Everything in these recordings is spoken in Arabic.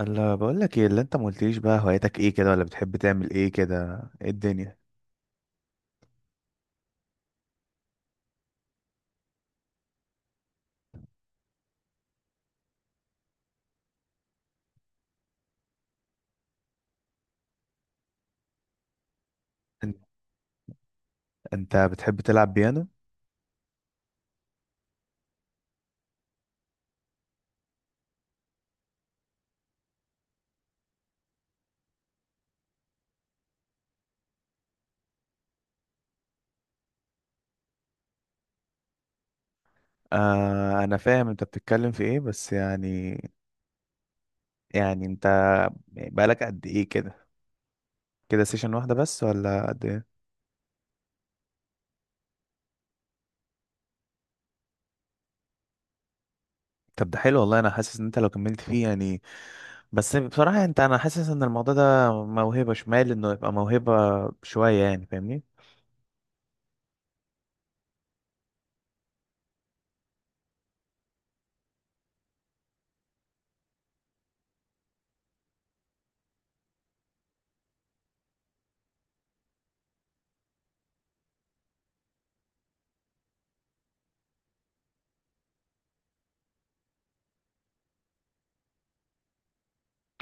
اللي بقول لك، ايه اللي انت ما قلتليش؟ بقى هوايتك ايه كده، ولا بتحب تعمل ايه كده؟ ايه الدنيا؟ انت انت بتحب تلعب بيانو؟ آه، انا فاهم انت بتتكلم في ايه، بس يعني. يعني بقالك قد ايه كده؟ كده سيشن واحدة بس، ولا قد ايه؟ طب ده حلو والله. انا حاسس ان انت لو كملت فيه يعني. بس بصراحة يعني، انا حاسس ان الموضوع ده موهبة، شمال انه يبقى موهبة شوية يعني، فاهمني.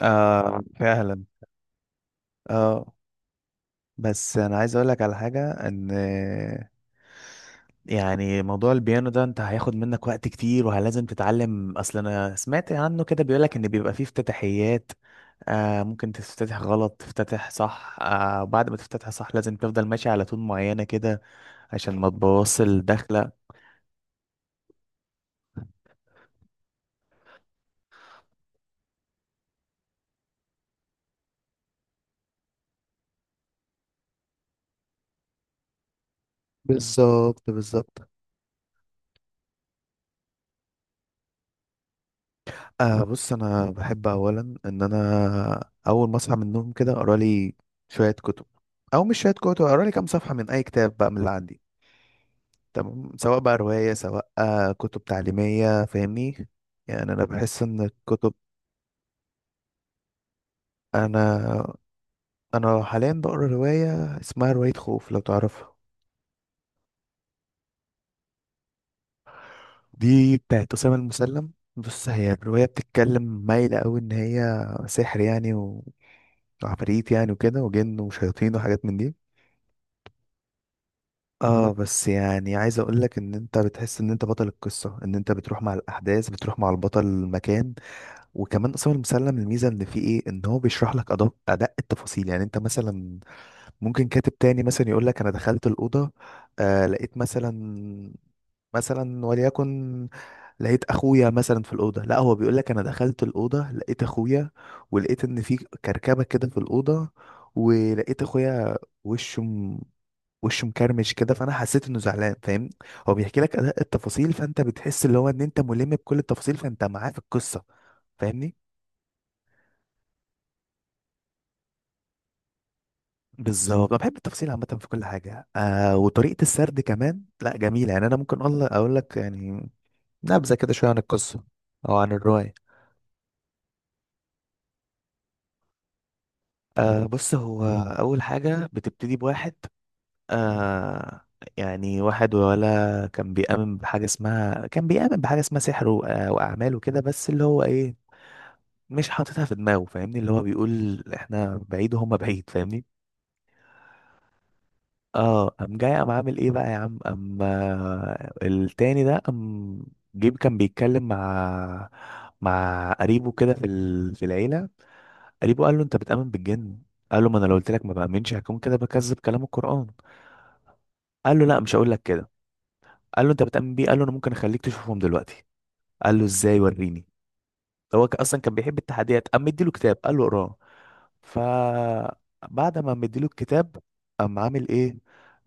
آه، فعلا. اه. بس انا عايز اقول لك على حاجه، ان يعني موضوع البيانو ده، انت هياخد منك وقت كتير، وهلازم تتعلم. اصل انا سمعت عنه كده، بيقول لك ان بيبقى فيه افتتاحيات. ممكن تفتتح غلط تفتتح صح. بعد ما تفتتح صح، لازم تفضل ماشي على تون معينه كده، عشان ما تبوظش الدخله. بالظبط، بالظبط. آه، بص، انا بحب اولا، ان انا اول ما اصحى من النوم كده، اقرا لي شويه كتب. او مش شويه كتب، اقرا لي كام صفحه من اي كتاب بقى من اللي عندي. تمام، سواء بقى روايه، سواء كتب تعليميه، فاهمني. يعني انا بحس ان الكتب. انا انا حاليا بقرا روايه اسمها روايه خوف، لو تعرفها. دي بتاعت اسامه المسلم. بص، هي الروايه بتتكلم مايله قوي ان هي سحر، يعني وعفاريت، يعني، وكده، وجن وشياطين وحاجات من دي. اه، بس يعني عايز اقول لك ان انت بتحس ان انت بطل القصه، ان انت بتروح مع الاحداث، بتروح مع البطل المكان. وكمان اصلا المسلم، الميزه ان فيه ايه؟ ان هو بيشرح لك ادق ادق التفاصيل. يعني انت مثلا ممكن كاتب تاني مثلا يقول لك انا دخلت الاوضه، لقيت مثلا، مثلا وليكن لقيت اخويا مثلا في الاوضه. لا، هو بيقول لك انا دخلت الاوضه، لقيت اخويا، ولقيت ان في كركبه كده في الاوضه، ولقيت اخويا وشه وشه مكرمش كده، فانا حسيت انه زعلان. فاهم؟ هو بيحكي لك ادق التفاصيل، فانت بتحس اللي هو ان انت ملم بكل التفاصيل، فانت معاه في القصه. فاهمني. بالظبط، انا بحب التفاصيل عامه في كل حاجه. وطريقه السرد كمان، لا، جميله يعني. انا ممكن اقول لك يعني نبذه كده شويه عن القصه، او عن الروايه. آه، بص هو اول حاجه بتبتدي بواحد. آه، يعني واحد ولا كان بيؤمن بحاجه اسمها، سحر واعمال وكده. بس اللي هو ايه، مش حاططها في دماغه، فاهمني، اللي هو بيقول احنا بعيد وهم بعيد، فاهمني. اه، قام جاي، قام عامل ايه بقى يا عم، قام، التاني ده قام جيب. كان بيتكلم مع قريبه كده في في العيله. قريبه قال له، انت بتؤمن بالجن؟ قال له، ما انا لو قلت لك ما بامنش هكون كده بكذب كلام القران. قال له، لا، مش هقول لك كده. قال له، انت بتؤمن بيه؟ قال له، انا ممكن اخليك تشوفهم دلوقتي. قال له، ازاي؟ وريني. هو اصلا كان بيحب التحديات، قام مديله كتاب قال له اقراه. فبعد ما مديله الكتاب، قام عامل ايه؟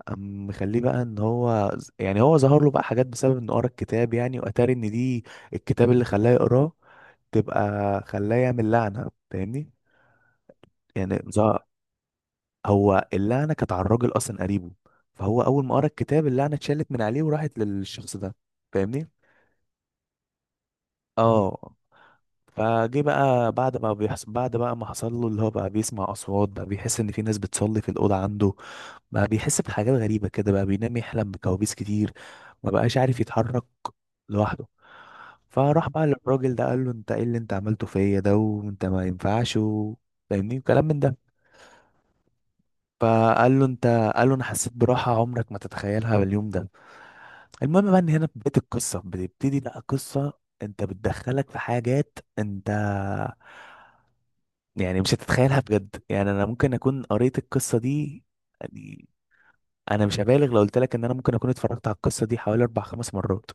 قام مخليه بقى ان هو يعني هو ظهر له بقى حاجات بسبب انه قرا الكتاب يعني. واتاري ان دي الكتاب اللي خلاه يقراه تبقى خلاه يعمل لعنه، فاهمني. يعني هو اللعنه كانت على الراجل اصلا، قريبه. فهو اول ما قرا الكتاب، اللعنه اتشالت من عليه وراحت للشخص ده، فاهمني. اه. فجه بقى، بعد بقى ما حصل له، اللي هو بقى بيسمع اصوات، بقى بيحس ان في ناس بتصلي في الاوضه عنده، بقى بيحس بحاجات غريبة كده، بقى بينام يحلم بكوابيس كتير، ما بقاش عارف يتحرك لوحده. فراح بقى للراجل ده قال له، انت ايه اللي انت عملته فيا ده؟ وانت ما ينفعش فاهمني، وكلام من ده. فقال له، انت. قال له، انا حسيت براحة عمرك ما تتخيلها باليوم ده. المهم بقى ان هنا بداية القصة بتبتدي بقى قصة انت بتدخلك في حاجات انت يعني مش هتتخيلها بجد. يعني انا ممكن اكون قريت القصة دي، يعني انا مش هبالغ لو قلت لك ان انا ممكن اكون اتفرجت على القصه دي حوالي اربع خمس مرات.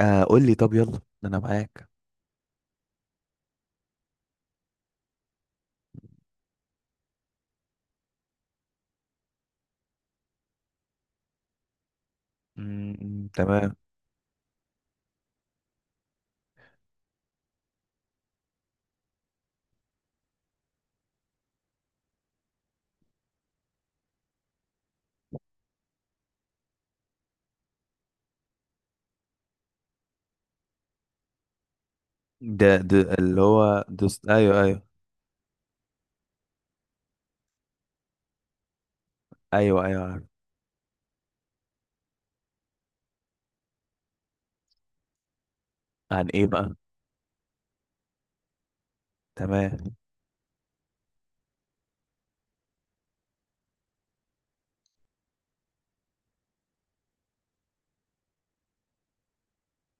آه، قول لي. طب يلا، انا معاك. امم، تمام. ده اللي هو دوست، ايوه ايوه. ايوه ايوه، عارف. عن ايه بقى؟ تمام.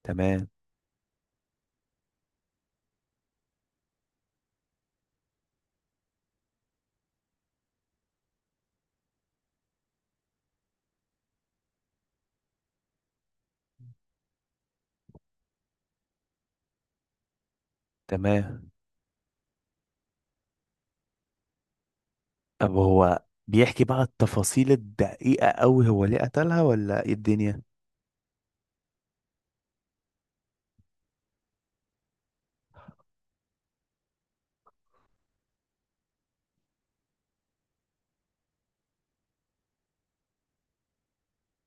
تمام. تمام. طب هو بيحكي بقى التفاصيل الدقيقه قوي، هو ليه قتلها ولا ايه الدنيا؟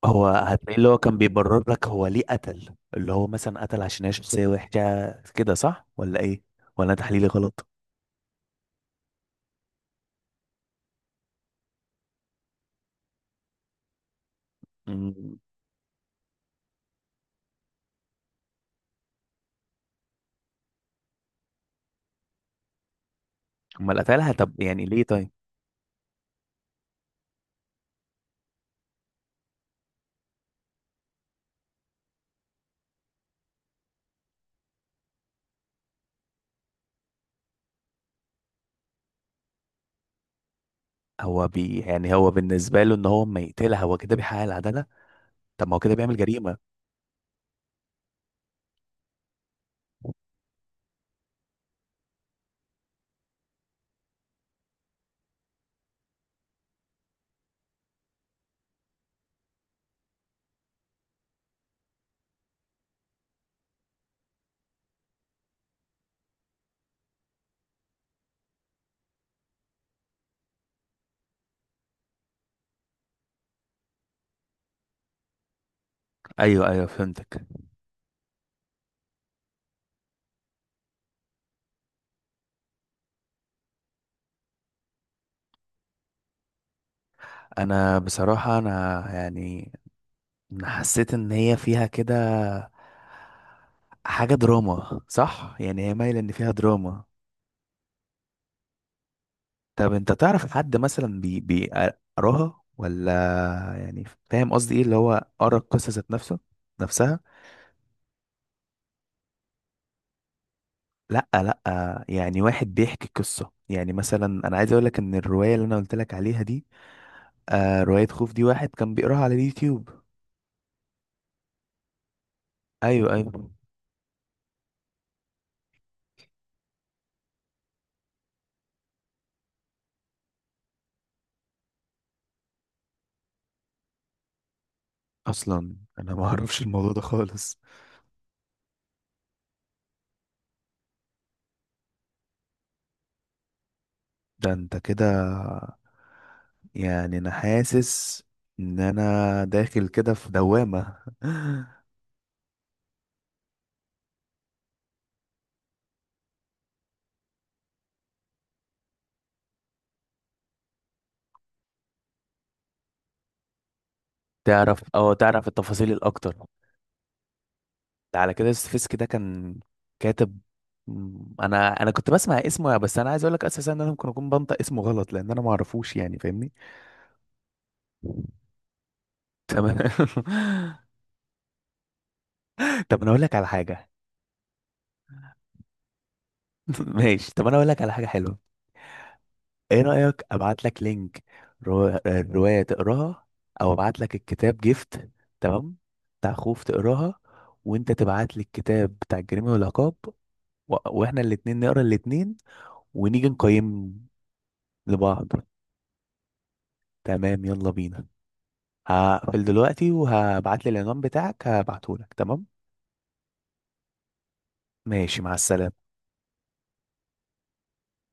هو، هتلاقي اللي هو كان بيبرر لك هو ليه قتل، اللي هو مثلا قتل عشان هي شخصيه وحشه كده، صح ولا ايه؟ ولا أنا تحليلي غلط؟ امم. امال قتلها طب، يعني ليه طيب؟ هو يعني، هو بالنسبة له ان هو اما يقتلها هو كده بيحقق العدالة. طب ما هو كده بيعمل جريمة؟ ايوه ايوه، فهمتك. انا بصراحة انا يعني، أنا حسيت ان هي فيها كده حاجة دراما، صح؟ يعني هي مايلة ان فيها دراما. طب انت تعرف حد مثلا بيقراها ولا؟ يعني، فاهم قصدي؟ ايه اللي هو قرا القصة ذات نفسها؟ لا، لا، يعني واحد بيحكي قصة. يعني مثلا انا عايز اقول لك ان الرواية اللي انا قلت لك عليها دي، رواية خوف دي، واحد كان بيقراها على اليوتيوب. ايوه ايوه. اصلا انا ما اعرفش الموضوع ده خالص. ده انت كده، يعني انا حاسس ان انا داخل كده في دوامة. تعرف التفاصيل الاكتر. ده على كده ستيفسكي ده كان كاتب. انا كنت بسمع اسمه، بس انا عايز اقول لك اساسا ان انا ممكن اكون بنطق اسمه غلط، لان انا ما اعرفوش يعني، فاهمني. تمام. طب انا اقول لك على حاجه. ماشي. طب انا اقول لك على حاجه حلوه. ايه رايك ابعت لك لينك، روايه تقراها، او ابعت لك الكتاب جيفت، تمام، بتاع خوف تقراها، وانت تبعت لي الكتاب بتاع الجريمه والعقاب، واحنا الاتنين نقرا الاتنين، ونيجي نقيم لبعض. تمام، يلا بينا. هقفل دلوقتي وهبعت لي العنوان بتاعك هبعته لك، تمام. ماشي، مع السلامه.